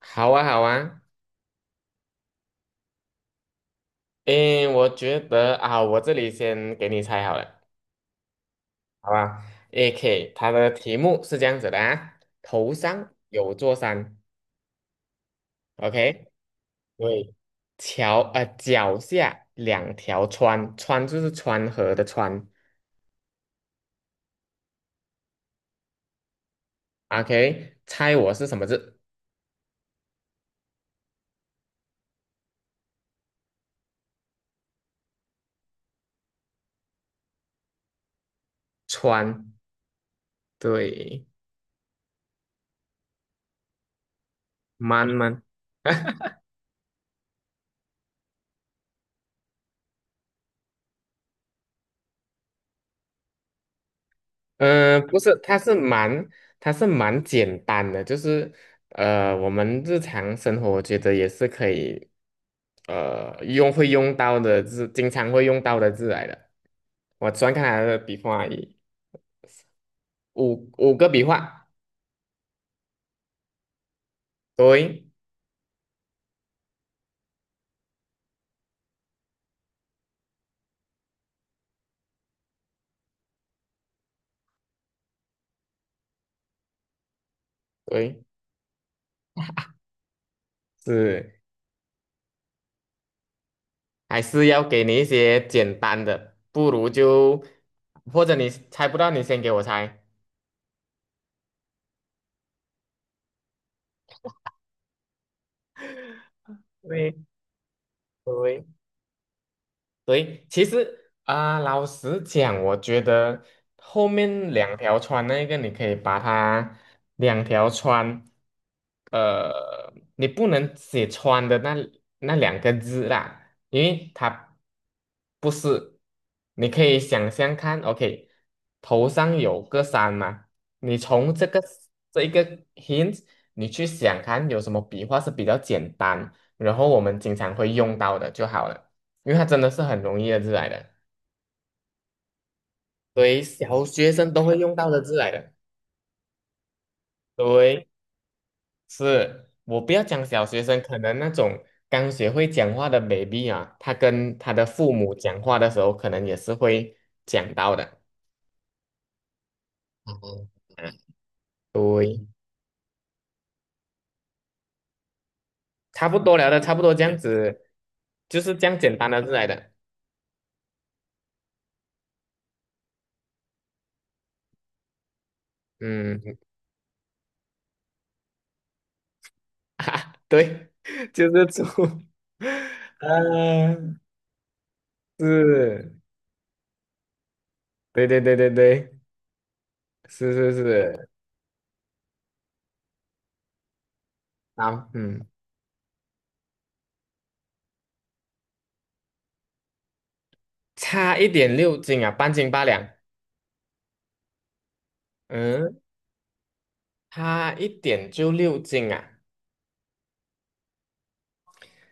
好啊，好啊。诶，我觉得啊，我这里先给你猜好了，好吧？AK，它的题目是这样子的啊，头上有座山，OK，对，桥脚下两条川，川就是川河的川，OK，猜我是什么字？川，对。蛮蛮，嗯、不是，它是蛮，它是蛮简单的，就是。我们日常生活我觉得也是可以用会用到的字，经常会用到的字来的。我喜欢看他的笔画，已，五个笔画。对对，是还是要给你一些简单的，不如就或者你猜不到，你先给我猜。对对，对，其实啊、老实讲，我觉得后面两条穿那个，你可以把它两条穿，你不能写穿的那两个字啦，因为它不是，你可以想象看，OK，头上有个山嘛，你从这个这一个 hint，你去想看有什么笔画是比较简单，然后我们经常会用到的就好了，因为它真的是很容易的字来的。对，小学生都会用到的字来的。对，是，我不要讲小学生，可能那种刚学会讲话的 baby 啊，他跟他的父母讲话的时候，可能也是会讲到的。哦对，差不多聊的差不多这样子，就是这样简单的字来的。嗯，啊，对，就是猪。啊，是，对对对对对，是是是，好，嗯。差一点六斤啊，半斤八两。嗯，差一点就六斤啊，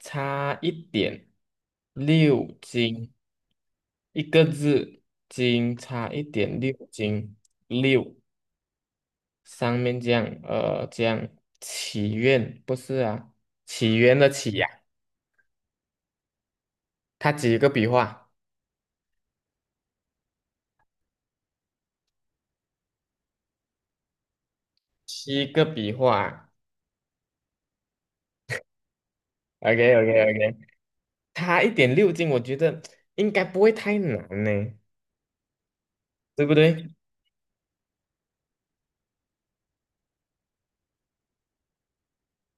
差一点六斤，一个字，斤差一点六斤六。上面这样，这样祈愿不是啊，起源的起呀、它几个笔画？七个笔画。o k o k o k 它一点六斤，我觉得应该不会太难呢，对不对？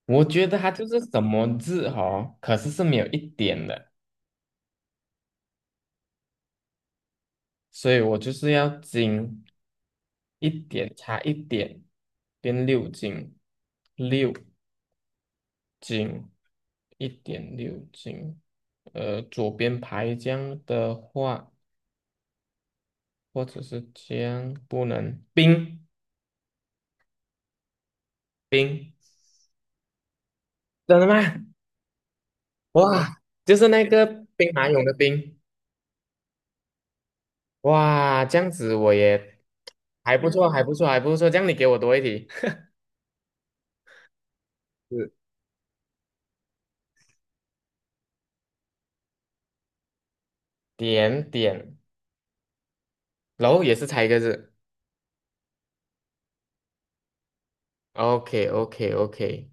我觉得它就是什么字哦，可是是没有一点的，所以我就是要精一点，差一点变六斤，六。斤，一点六斤。左边排浆的话，或者是浆不能冰冰，真的吗？哇，就是那个兵马俑的兵。哇，这样子我也还不错，还不错，还不错。这样你给我多一题，是点点，然后也是猜一个字。OK OK OK，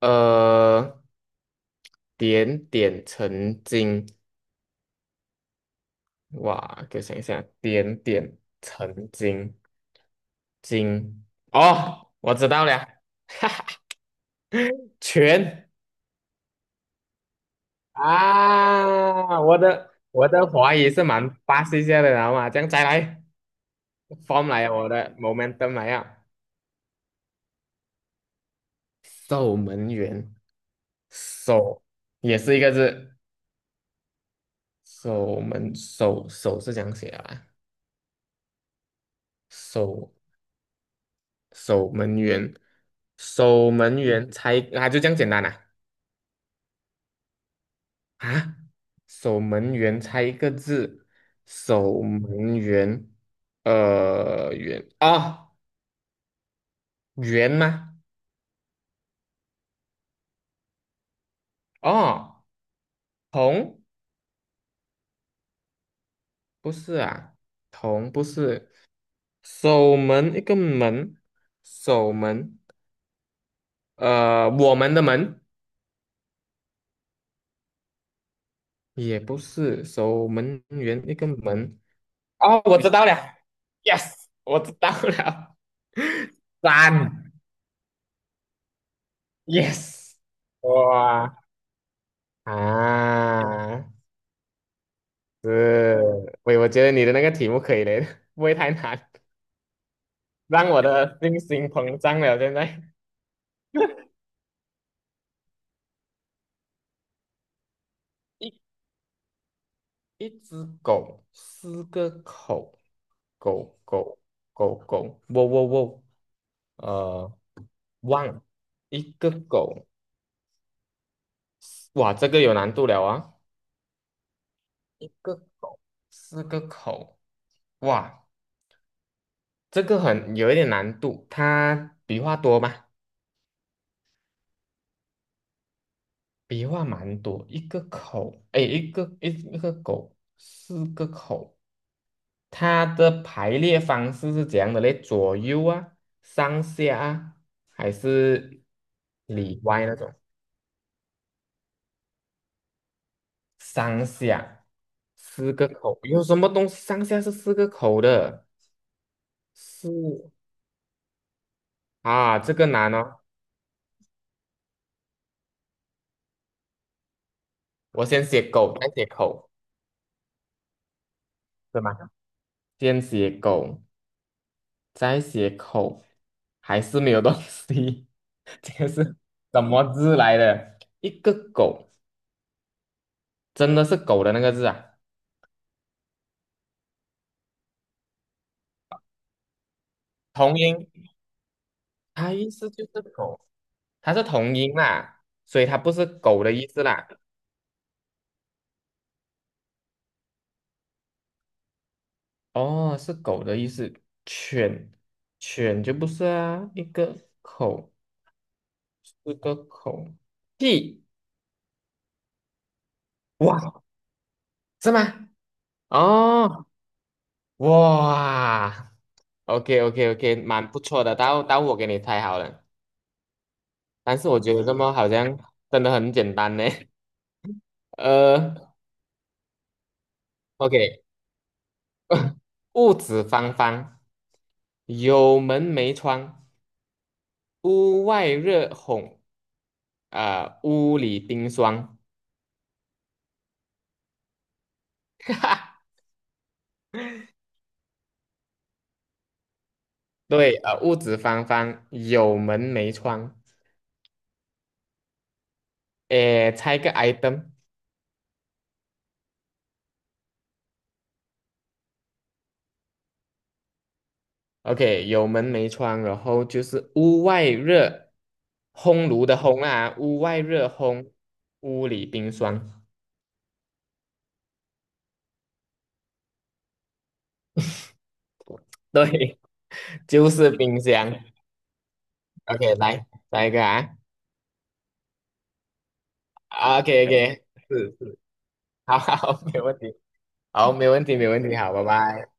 呃，点点成金，哇，给我想一想，点点成金金哦，我知道了，哈哈，全。啊，我的华语是蛮巴西一下的，然后吗？这样再来，form 来了我的 momentum 来了。守门员，守也是一个字，守门是这样写的啊，守守门员，守门员猜啊，就这样简单啊。啊，守门员猜一个字，守门员，员啊，员吗？哦，同不是啊，同不是，守门一个门，守门，我们的门也不是，守门员一个门。哦，我知道了，yes，我知道了。三，yes。哇啊！是，我觉得你的那个题目可以嘞，不会太难，让我的信心膨胀了。现在一一只狗，四个口，狗狗狗狗，喔喔喔，呃，汪，一个狗，哇，这个有难度了啊。一个狗，四个口，哇，这个很有一点难度，它笔画多吗？笔画蛮多，一个口，哎，一个狗，四个口。它的排列方式是怎样的嘞？左右啊，上下啊，还是里外那种？上下四个口，有什么东西上下是四个口的？是啊，这个难哦。我先写狗，再写口，是吗？先写狗，再写口，还是没有东西。这个是什么字来的？一个狗，真的是狗的那个字啊？同音。它意思就是狗，它是同音啦，所以它不是狗的意思啦。哦，是狗的意思。犬，犬就不是啊，一个口，一个口。屁，哇，是吗？哦，哇，OK OK OK，蛮不错的。待会我给你猜好了，但是我觉得这么好像真的很简单呢。呃，OK，屋子方方，有门没窗。屋外热烘，屋里冰霜。对，屋子方方，有门没窗。诶，猜个 item，OK，有门没窗，然后就是屋外热，烘炉的烘啊，屋外热烘，屋里冰霜。对，就是冰箱。OK，来，下一个啊。OK，OK，是，好好，没问题，好，没问题，没问题，好，拜拜。